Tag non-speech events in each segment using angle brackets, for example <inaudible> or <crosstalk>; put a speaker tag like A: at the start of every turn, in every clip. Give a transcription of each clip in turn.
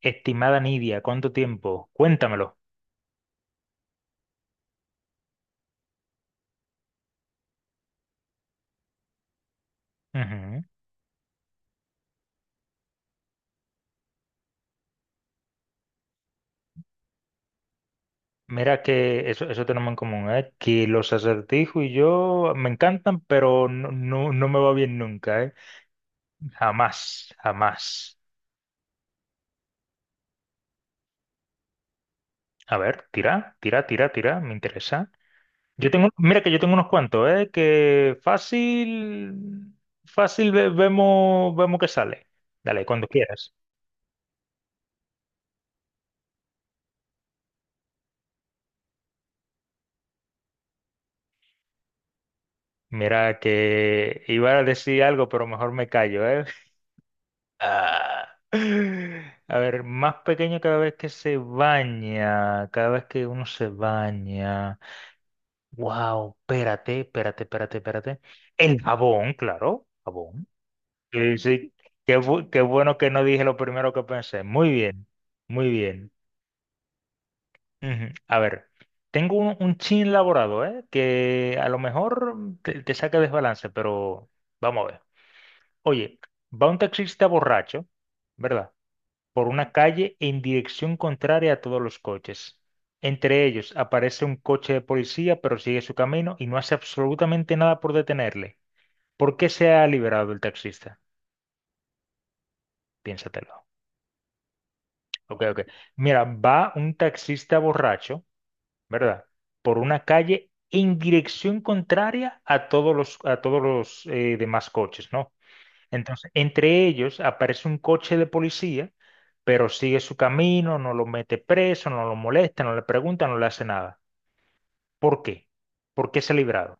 A: Estimada Nidia, ¿cuánto tiempo? Cuéntamelo. Ujú. Mira que eso tenemos en común, ¿eh? Que los acertijos y yo me encantan, pero no, no, no me va bien nunca, ¿eh? Jamás, jamás. A ver, tira, tira, tira, tira, me interesa. Yo tengo, mira que yo tengo unos cuantos, ¿eh? Que fácil, fácil vemos, vemos que sale. Dale, cuando quieras. Mira que iba a decir algo, pero mejor me callo, ¿eh? Ah. A ver, más pequeño cada vez que se baña, cada vez que uno se baña. Wow, espérate, espérate, espérate, espérate. El jabón, claro, jabón. Sí, sí. Qué bueno que no dije lo primero que pensé. Muy bien, muy bien. Ujú. A ver, tengo un chin elaborado, ¿eh? Que a lo mejor te saca desbalance, pero vamos a ver. Oye, va un taxista borracho, ¿verdad? Por una calle en dirección contraria a todos los coches. Entre ellos aparece un coche de policía, pero sigue su camino y no hace absolutamente nada por detenerle. ¿Por qué se ha liberado el taxista? Piénsatelo. Ok, ok. Mira, va un taxista borracho, ¿verdad? Por una calle en dirección contraria a a todos los demás coches, ¿no? Entonces, entre ellos aparece un coche de policía, pero sigue su camino, no lo mete preso, no lo molesta, no le pregunta, no le hace nada. ¿Por qué? ¿Por qué se ha librado?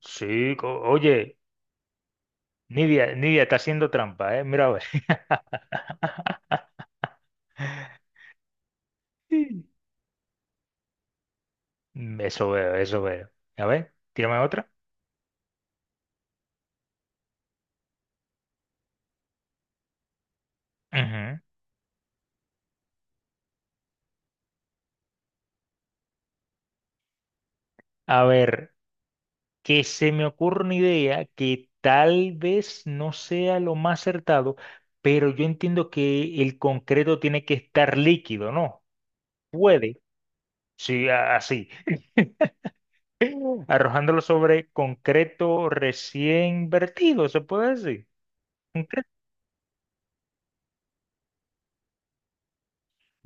A: Sí, oye, Nidia, Nidia está haciendo trampa, ¿eh? Mira, a ver. <laughs> Eso veo, eso veo. A ver, tírame otra. Ujú. A ver, que se me ocurre una idea que tal vez no sea lo más acertado, pero yo entiendo que el concreto tiene que estar líquido, ¿no? Puede. Sí, así. <laughs> Arrojándolo sobre concreto recién vertido, ¿se puede decir? Concre-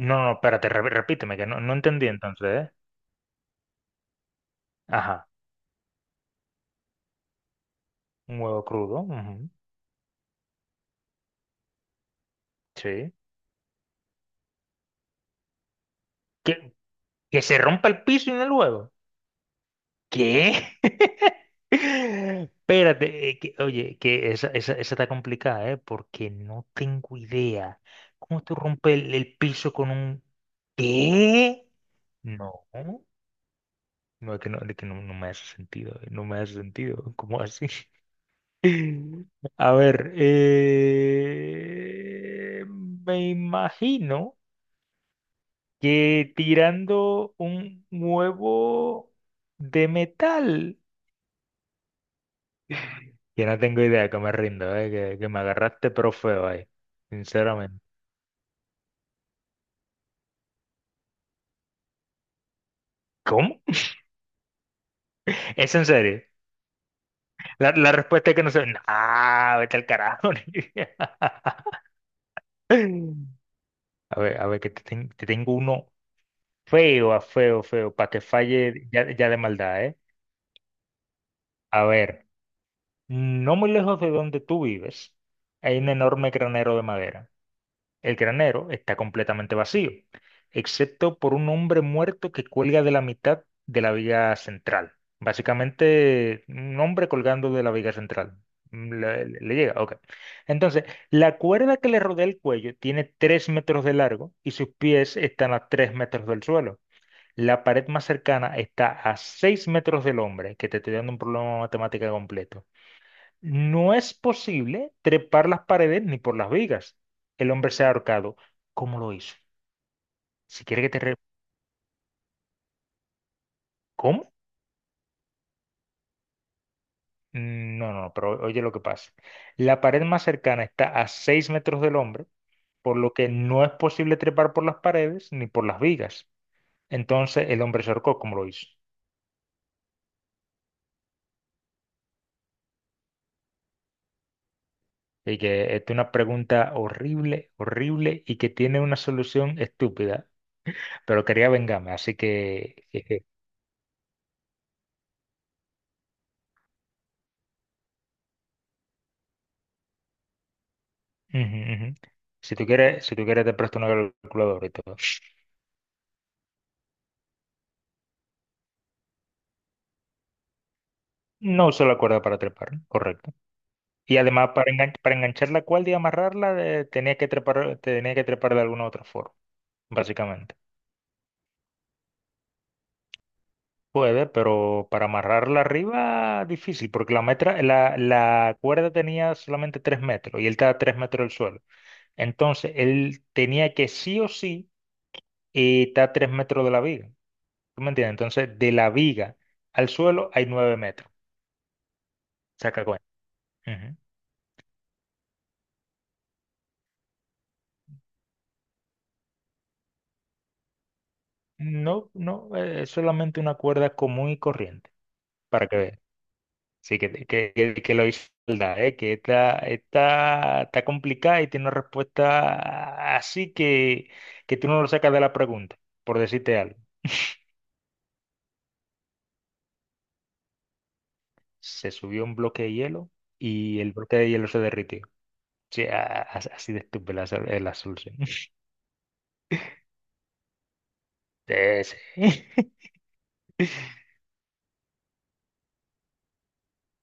A: No, no, espérate, repíteme, que no, no entendí entonces, ¿eh? Ajá, un huevo crudo. Ujú. Sí. ¿Que, que se rompa el piso en el huevo? ¿Qué? <laughs> Espérate, oye, que esa, esa está complicada, ¿eh? Porque no tengo idea. ¿Cómo tú rompes el piso con un... ¿Qué? No. No, que no, de que no, no me hace sentido, no me hace sentido, ¿cómo así? <laughs> A ver, me imagino que tirando un huevo de metal, que no tengo idea, que me rindo, que me agarraste pero feo ahí, sinceramente. ¿Cómo? <laughs> ¿Es en serio? La respuesta es que no sé. Ah, vete al carajo. <laughs> A ver, te tengo uno. Feo, a feo, feo, para que falle ya, ya de maldad, ¿eh? A ver, no muy lejos de donde tú vives, hay un enorme granero de madera. El granero está completamente vacío, excepto por un hombre muerto que cuelga de la mitad de la viga central. Básicamente, un hombre colgando de la viga central. Mm, le llega, ok. Entonces, la cuerda que le rodea el cuello tiene 3 metros de largo y sus pies están a 3 metros del suelo. La pared más cercana está a 6 metros del hombre, que te estoy dando un problema matemático completo. No es posible trepar las paredes ni por las vigas. El hombre se ha ahorcado. ¿Cómo lo hizo? Si quiere que te... ¿Cómo? Mm, no, no, no, pero oye lo que pasa. La pared más cercana está a 6 metros del hombre, por lo que no es posible trepar por las paredes ni por las vigas. Entonces el hombre se ahorcó. ¿Cómo lo hizo? Y que esta es una pregunta horrible, horrible y que tiene una solución estúpida, pero quería vengarme, así que... jeje. Ujú, ujú. Si tú quieres, si tú quieres te presto una calculadora y todo. No usó la cuerda para trepar, correcto. Y además para, para enganchar la cuerda y amarrarla tenía que trepar de alguna otra forma, básicamente. Puede, pero para amarrarla arriba difícil, porque la cuerda tenía solamente 3 metros y él estaba a 3 metros del suelo. Entonces él tenía que sí o sí estar a tres metros de la viga. ¿Tú me entiendes? Entonces, de la viga al suelo hay 9 metros. Saca cuenta. Ujú. No, no, es solamente una cuerda común y corriente, para que veas. Sí, que lo hizo maldad, ¿eh? Que está complicada y tiene una respuesta así que tú no lo sacas de la pregunta, por decirte algo. Se subió un bloque de hielo y el bloque de hielo se derritió. Sí, así de estúpida es es la solución. <laughs> Sí, sí. <laughs>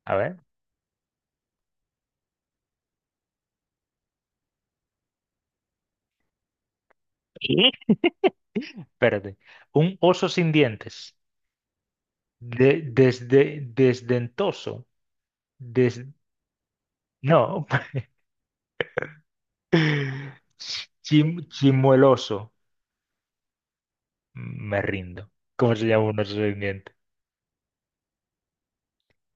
A: A ver. Espérate. Un oso sin dientes. Desdentoso. Des, no. <laughs> Chimueloso. Me rindo. ¿Cómo se llama un oso sin dientes?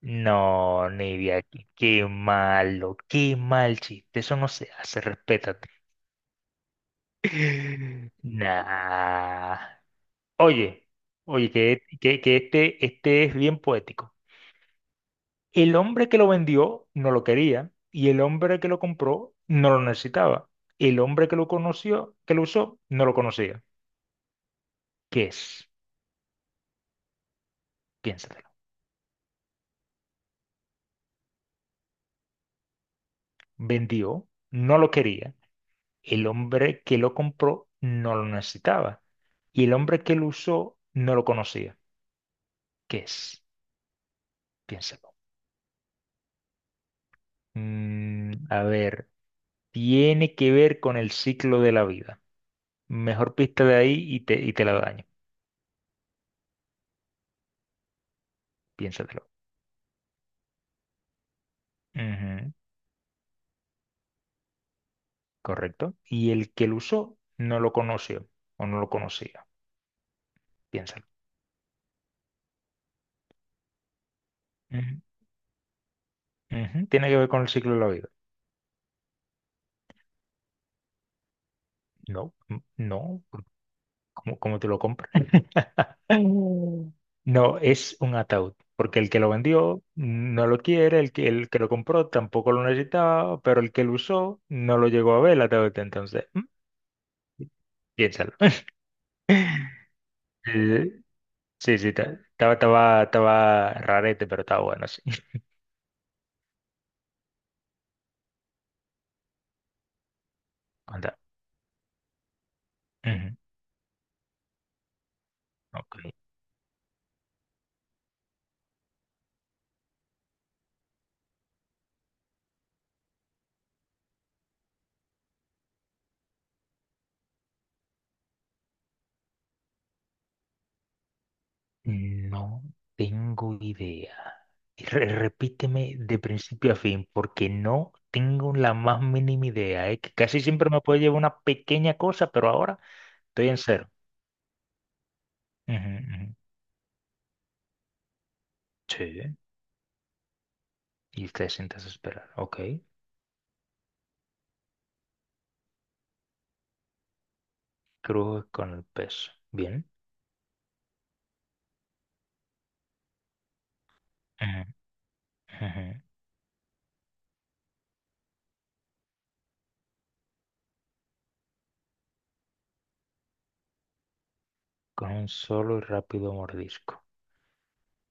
A: No, ni de. Qué malo, qué mal chiste. Eso no se hace, respétate. <laughs> Nah. Oye, oye, que este es bien poético. El hombre que lo vendió no lo quería y el hombre que lo compró no lo necesitaba. El hombre que lo conoció, que lo usó, no lo conocía. ¿Qué es? Piénsatelo. Vendió, no lo quería. El hombre que lo compró no lo necesitaba. Y el hombre que lo usó no lo conocía. ¿Qué es? Piénsalo. Mm, a ver, tiene que ver con el ciclo de la vida. Mejor pista de ahí y y te la daño. Piénsatelo. Ujú. Correcto. Y el que lo usó no lo conoció o no lo conocía, piénsalo. Ujú, ujú. ¿Tiene que ver con el ciclo de la vida? No, no, ¿cómo, cómo te lo compras? <laughs> No, es un ataúd, porque el que lo vendió no lo quiere, el que lo compró tampoco lo necesitaba, pero el que lo usó no lo llegó a ver el ataúd, entonces, mm, piénsalo. <laughs> Eh, sí, sí, estaba rarete, pero estaba bueno, sí. <laughs> Anda. Ujú, ok. No tengo idea. Repíteme de principio a fin, porque no tengo la más mínima idea, ¿eh? Que casi siempre me puede llevar una pequeña cosa, pero ahora estoy en cero. Ujú, ujú. Sí. Y te sientas a esperar. Ok. Cruz con el peso. Bien. Ujú, ujú. Con un solo y rápido mordisco.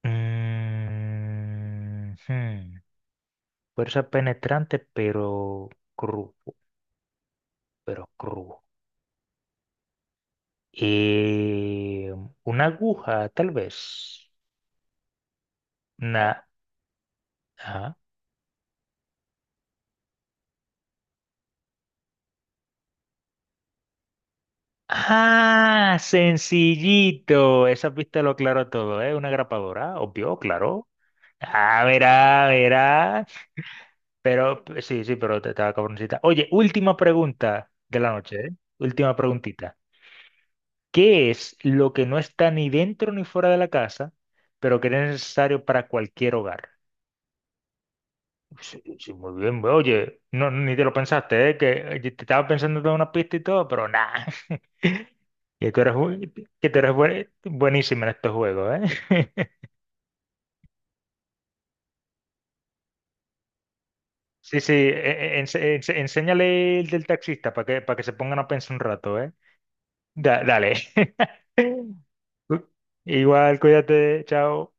A: Mm, hmm. Fuerza penetrante, pero crudo. Pero crudo. Eh, una aguja, tal vez. Una. Ajá. Ah, sencillito. Esa pista lo aclaró todo, ¿eh? Una grapadora, obvio, claro. Ah, verá, verá. Sí, sí, pero te estaba cabroncita. Oye, última pregunta de la noche, ¿eh? Última preguntita. ¿Qué es lo que no está ni dentro ni fuera de la casa, pero que es necesario para cualquier hogar? Sí, sí, muy bien, güey. Oye, no, ni te lo pensaste, ¿eh? Que te estaba pensando toda una pista y todo, pero nada. <laughs> Que que tú eres buenísimo en estos juegos, ¿eh? <laughs> Sí, sí, enséñale el del taxista para que se pongan a pensar un rato, ¿eh? Dale. <laughs> Igual, cuídate, chao.